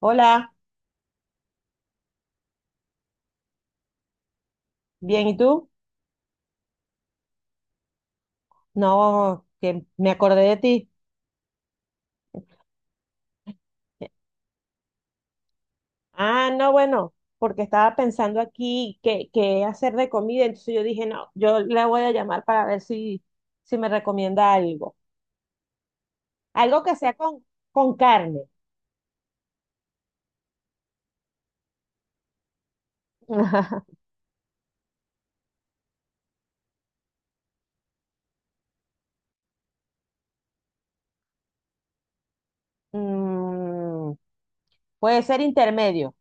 Hola, bien, ¿y tú? No, que me acordé de ti. Ah, no, bueno, porque estaba pensando aquí qué hacer de comida, entonces yo dije, no, yo le voy a llamar para ver si me recomienda algo. Algo que sea con carne. Mm, puede ser intermedio,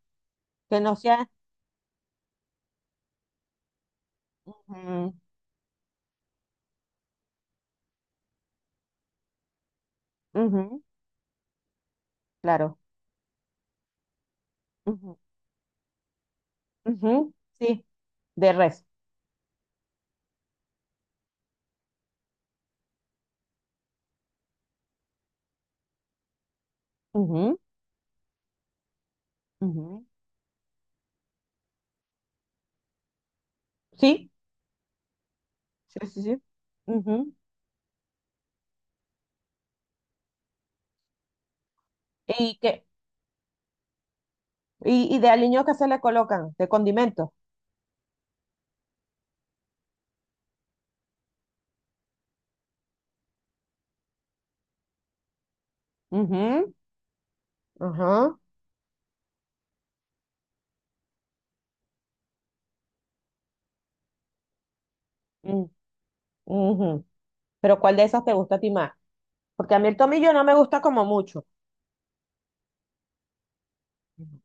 que no sea... Ujú, ujú, claro. Ujú, ujú, sí, de res. Ujú, ujú, sí, sí, sí, sí. Y, que, y de aliños que se le colocan, de condimentos. Ujú. Ajá. mm, ujú. Pero ¿cuál de esas te gusta a ti más? Porque a mí el tomillo no me gusta como mucho. Ujú.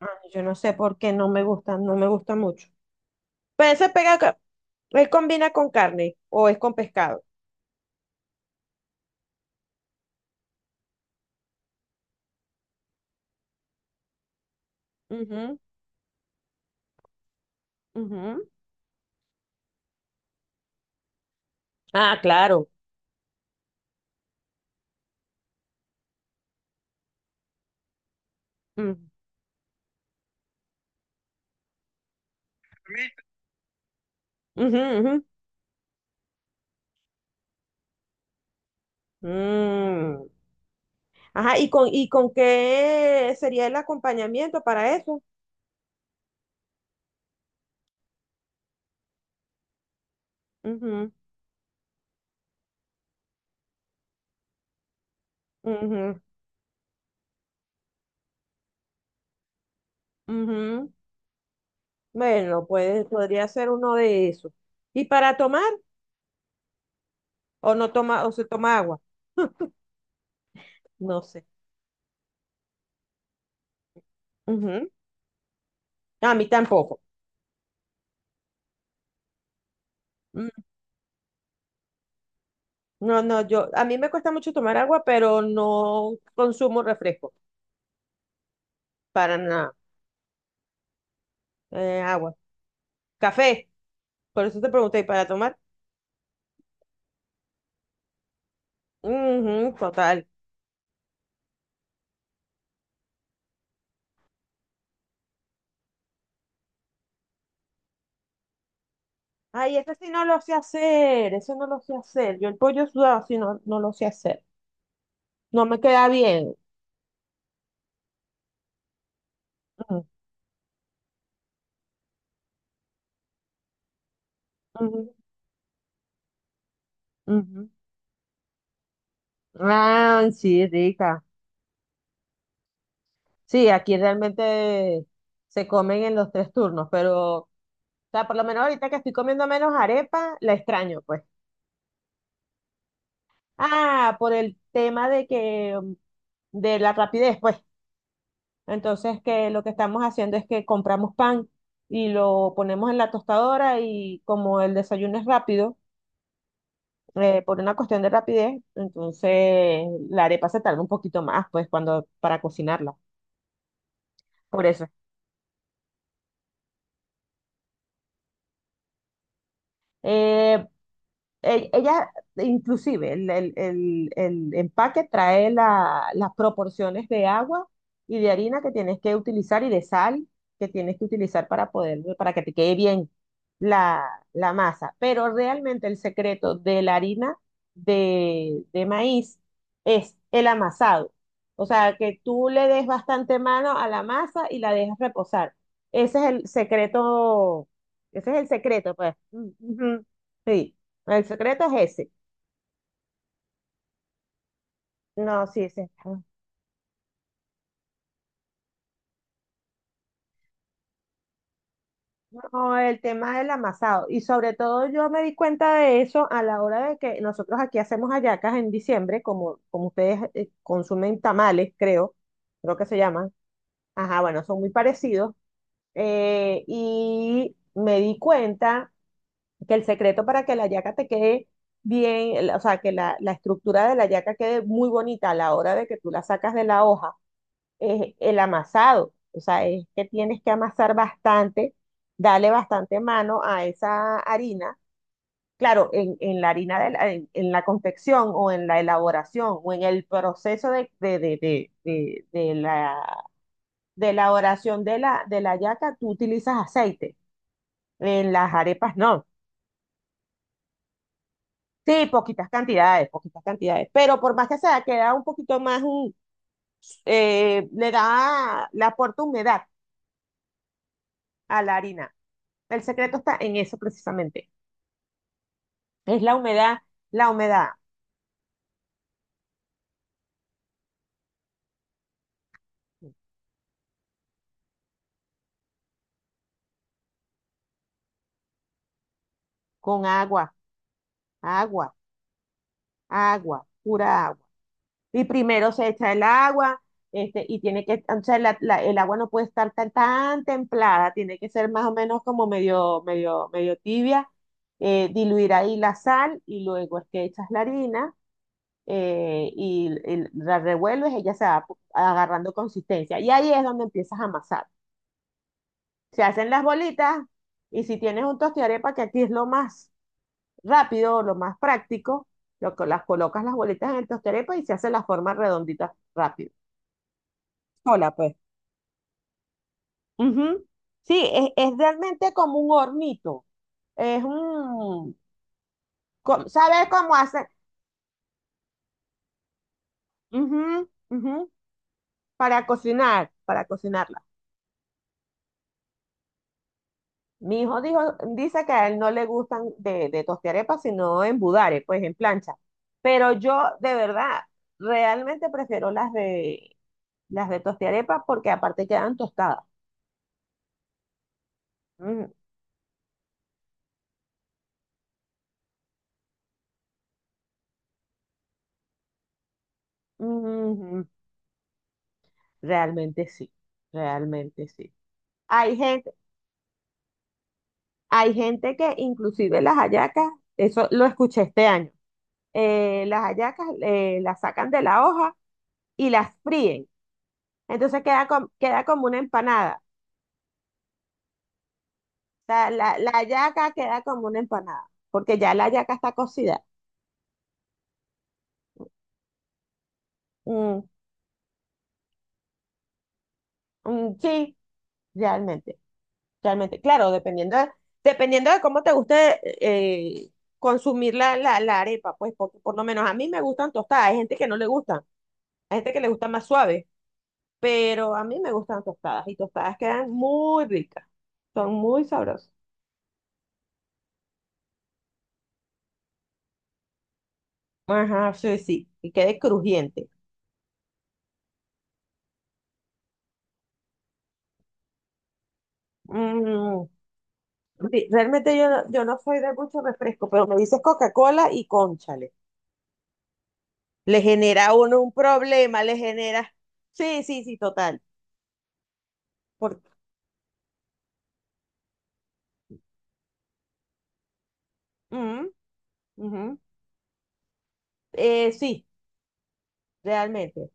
Ah, yo no sé por qué no me gusta, no me gusta mucho. Pero ese pega, él ¿combina con carne o es con pescado? Ujú, ujú, ah, claro. Ujú. Ujú, ujú. Mm. Ajá, y con qué sería el acompañamiento para eso? Ujú. Ujú. Ujú. Bueno, puede, podría ser uno de esos. ¿Y para tomar? ¿O no toma, o se toma agua? No sé. Ujú. A mí tampoco. Mm, No, no, yo, a mí me cuesta mucho tomar agua, pero no consumo refresco, para nada. Agua. Café, por eso te pregunté, ¿y para tomar? Ujú, total. Ay, eso sí no lo sé hacer, eso no lo sé hacer. Yo el pollo sudado sí no lo sé hacer. No me queda bien. Ujú, ujú, ujú. Ah, sí, rica. Sí, aquí realmente se comen en los tres turnos, pero, o sea, por lo menos ahorita que estoy comiendo menos arepa, la extraño, pues. Ah, por el tema de que, de la rapidez, pues. Entonces, que lo que estamos haciendo es que compramos pan y lo ponemos en la tostadora y como el desayuno es rápido, por una cuestión de rapidez, entonces la arepa se tarda un poquito más, pues, cuando, para cocinarla. Por eso. Eh, Ella, inclusive, el empaque trae las proporciones de agua y de harina que tienes que utilizar y de sal que tienes que utilizar para poder, para que te quede bien la, la masa. Pero realmente el secreto de la harina de maíz es el amasado. O sea, que tú le des bastante mano a la masa y la dejas reposar. Ese es el secreto, ese es el secreto, pues. Mm, ujú. Sí. El secreto es ese. No, sí, ese. No, el tema del amasado. Y sobre todo yo me di cuenta de eso a la hora de que nosotros aquí hacemos hallacas en diciembre, como, como ustedes consumen tamales, creo, creo que se llaman. Ajá, bueno, son muy parecidos. Y me di cuenta que el secreto para que la hallaca te quede bien, o sea, que la estructura de la hallaca quede muy bonita a la hora de que tú la sacas de la hoja es el amasado. O sea, es que tienes que amasar bastante, darle bastante mano a esa harina. Claro, en la harina, en la confección o en la elaboración o en el proceso de de elaboración de de la yaca, tú utilizas aceite. En las arepas no. Sí, poquitas cantidades, poquitas cantidades. Pero por más que sea, queda un poquito más, le da, le aporta humedad a la harina. El secreto está en eso precisamente. Es la humedad con agua, agua, agua, pura agua. Y primero se echa el agua, y tiene que, o sea, el agua no puede estar tan, tan templada, tiene que ser más o menos como medio tibia, diluir ahí la sal y luego es que echas la harina y la revuelves, ella se va agarrando consistencia. Y ahí es donde empiezas a amasar. Se hacen las bolitas y si tienes un tostiarepa, que aquí es lo más rápido, lo más práctico, lo que las colocas las bolitas en el tostiarepa y se hace la forma redondita rápido. Hola, pues. Ujú. Sí, es realmente como un hornito. Es un... ¿Sabes cómo hacer? Ujú, ujú, para cocinar, para cocinar. Mi hijo dijo, dice que a él no le gustan de tostiarepas, sino en budare, pues en plancha. Pero yo, de verdad, realmente prefiero las las de tostiarepas porque aparte quedan tostadas. Mm, mm, realmente sí, realmente sí. Hay gente, hay gente que inclusive las hallacas, eso lo escuché este año, las hallacas las sacan de la hoja y las fríen. Entonces queda, queda como una empanada. Sea, la yaca queda como una empanada, porque ya la yaca está cocida. Mm, mm, sí, realmente, realmente. Claro, dependiendo de cómo te guste eh, consumir la arepa, pues, porque por lo menos a mí me gustan tostadas, hay gente que no le gustan, hay gente que le gusta más suave, pero a mí me gustan tostadas y tostadas quedan muy ricas, son muy sabrosas. Ajá, sí, sí, y quede crujiente. Mm, sí, realmente yo no, yo no soy de mucho refresco, pero me dices Coca-Cola y cónchale. Le genera a uno un problema, le genera. Sí, sí, sí, total. Por... Mm, ujú. Sí, realmente.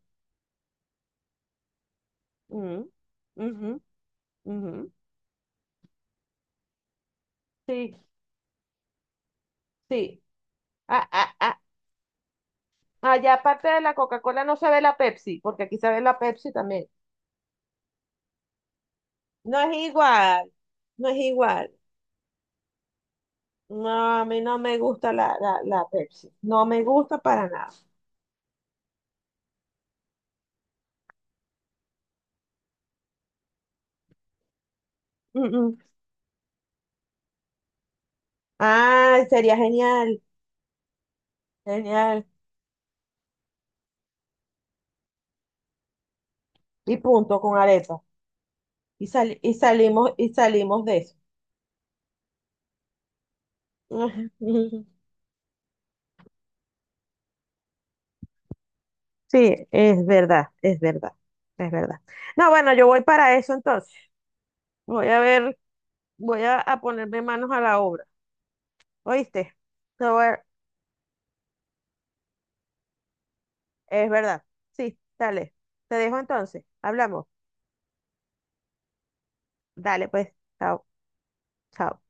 Mm, ujú, ujú. Sí, sí. Ah, ah, ah. Allá aparte de la Coca-Cola no se ve la Pepsi, porque aquí se ve la Pepsi también. No es igual, no es igual. No, a mí no me gusta la Pepsi. No me gusta para nada. Mm, mm. Ah, sería genial, genial. Y punto con arepa. Y, y salimos de eso. Sí, es verdad, es verdad, es verdad. No, bueno, yo voy para eso entonces. Voy a ver, voy a ponerme manos a la obra. ¿Oíste? Te voy a- Es verdad. Sí, dale. Te dejo entonces. Hablamos. Dale, pues. Chao, chao.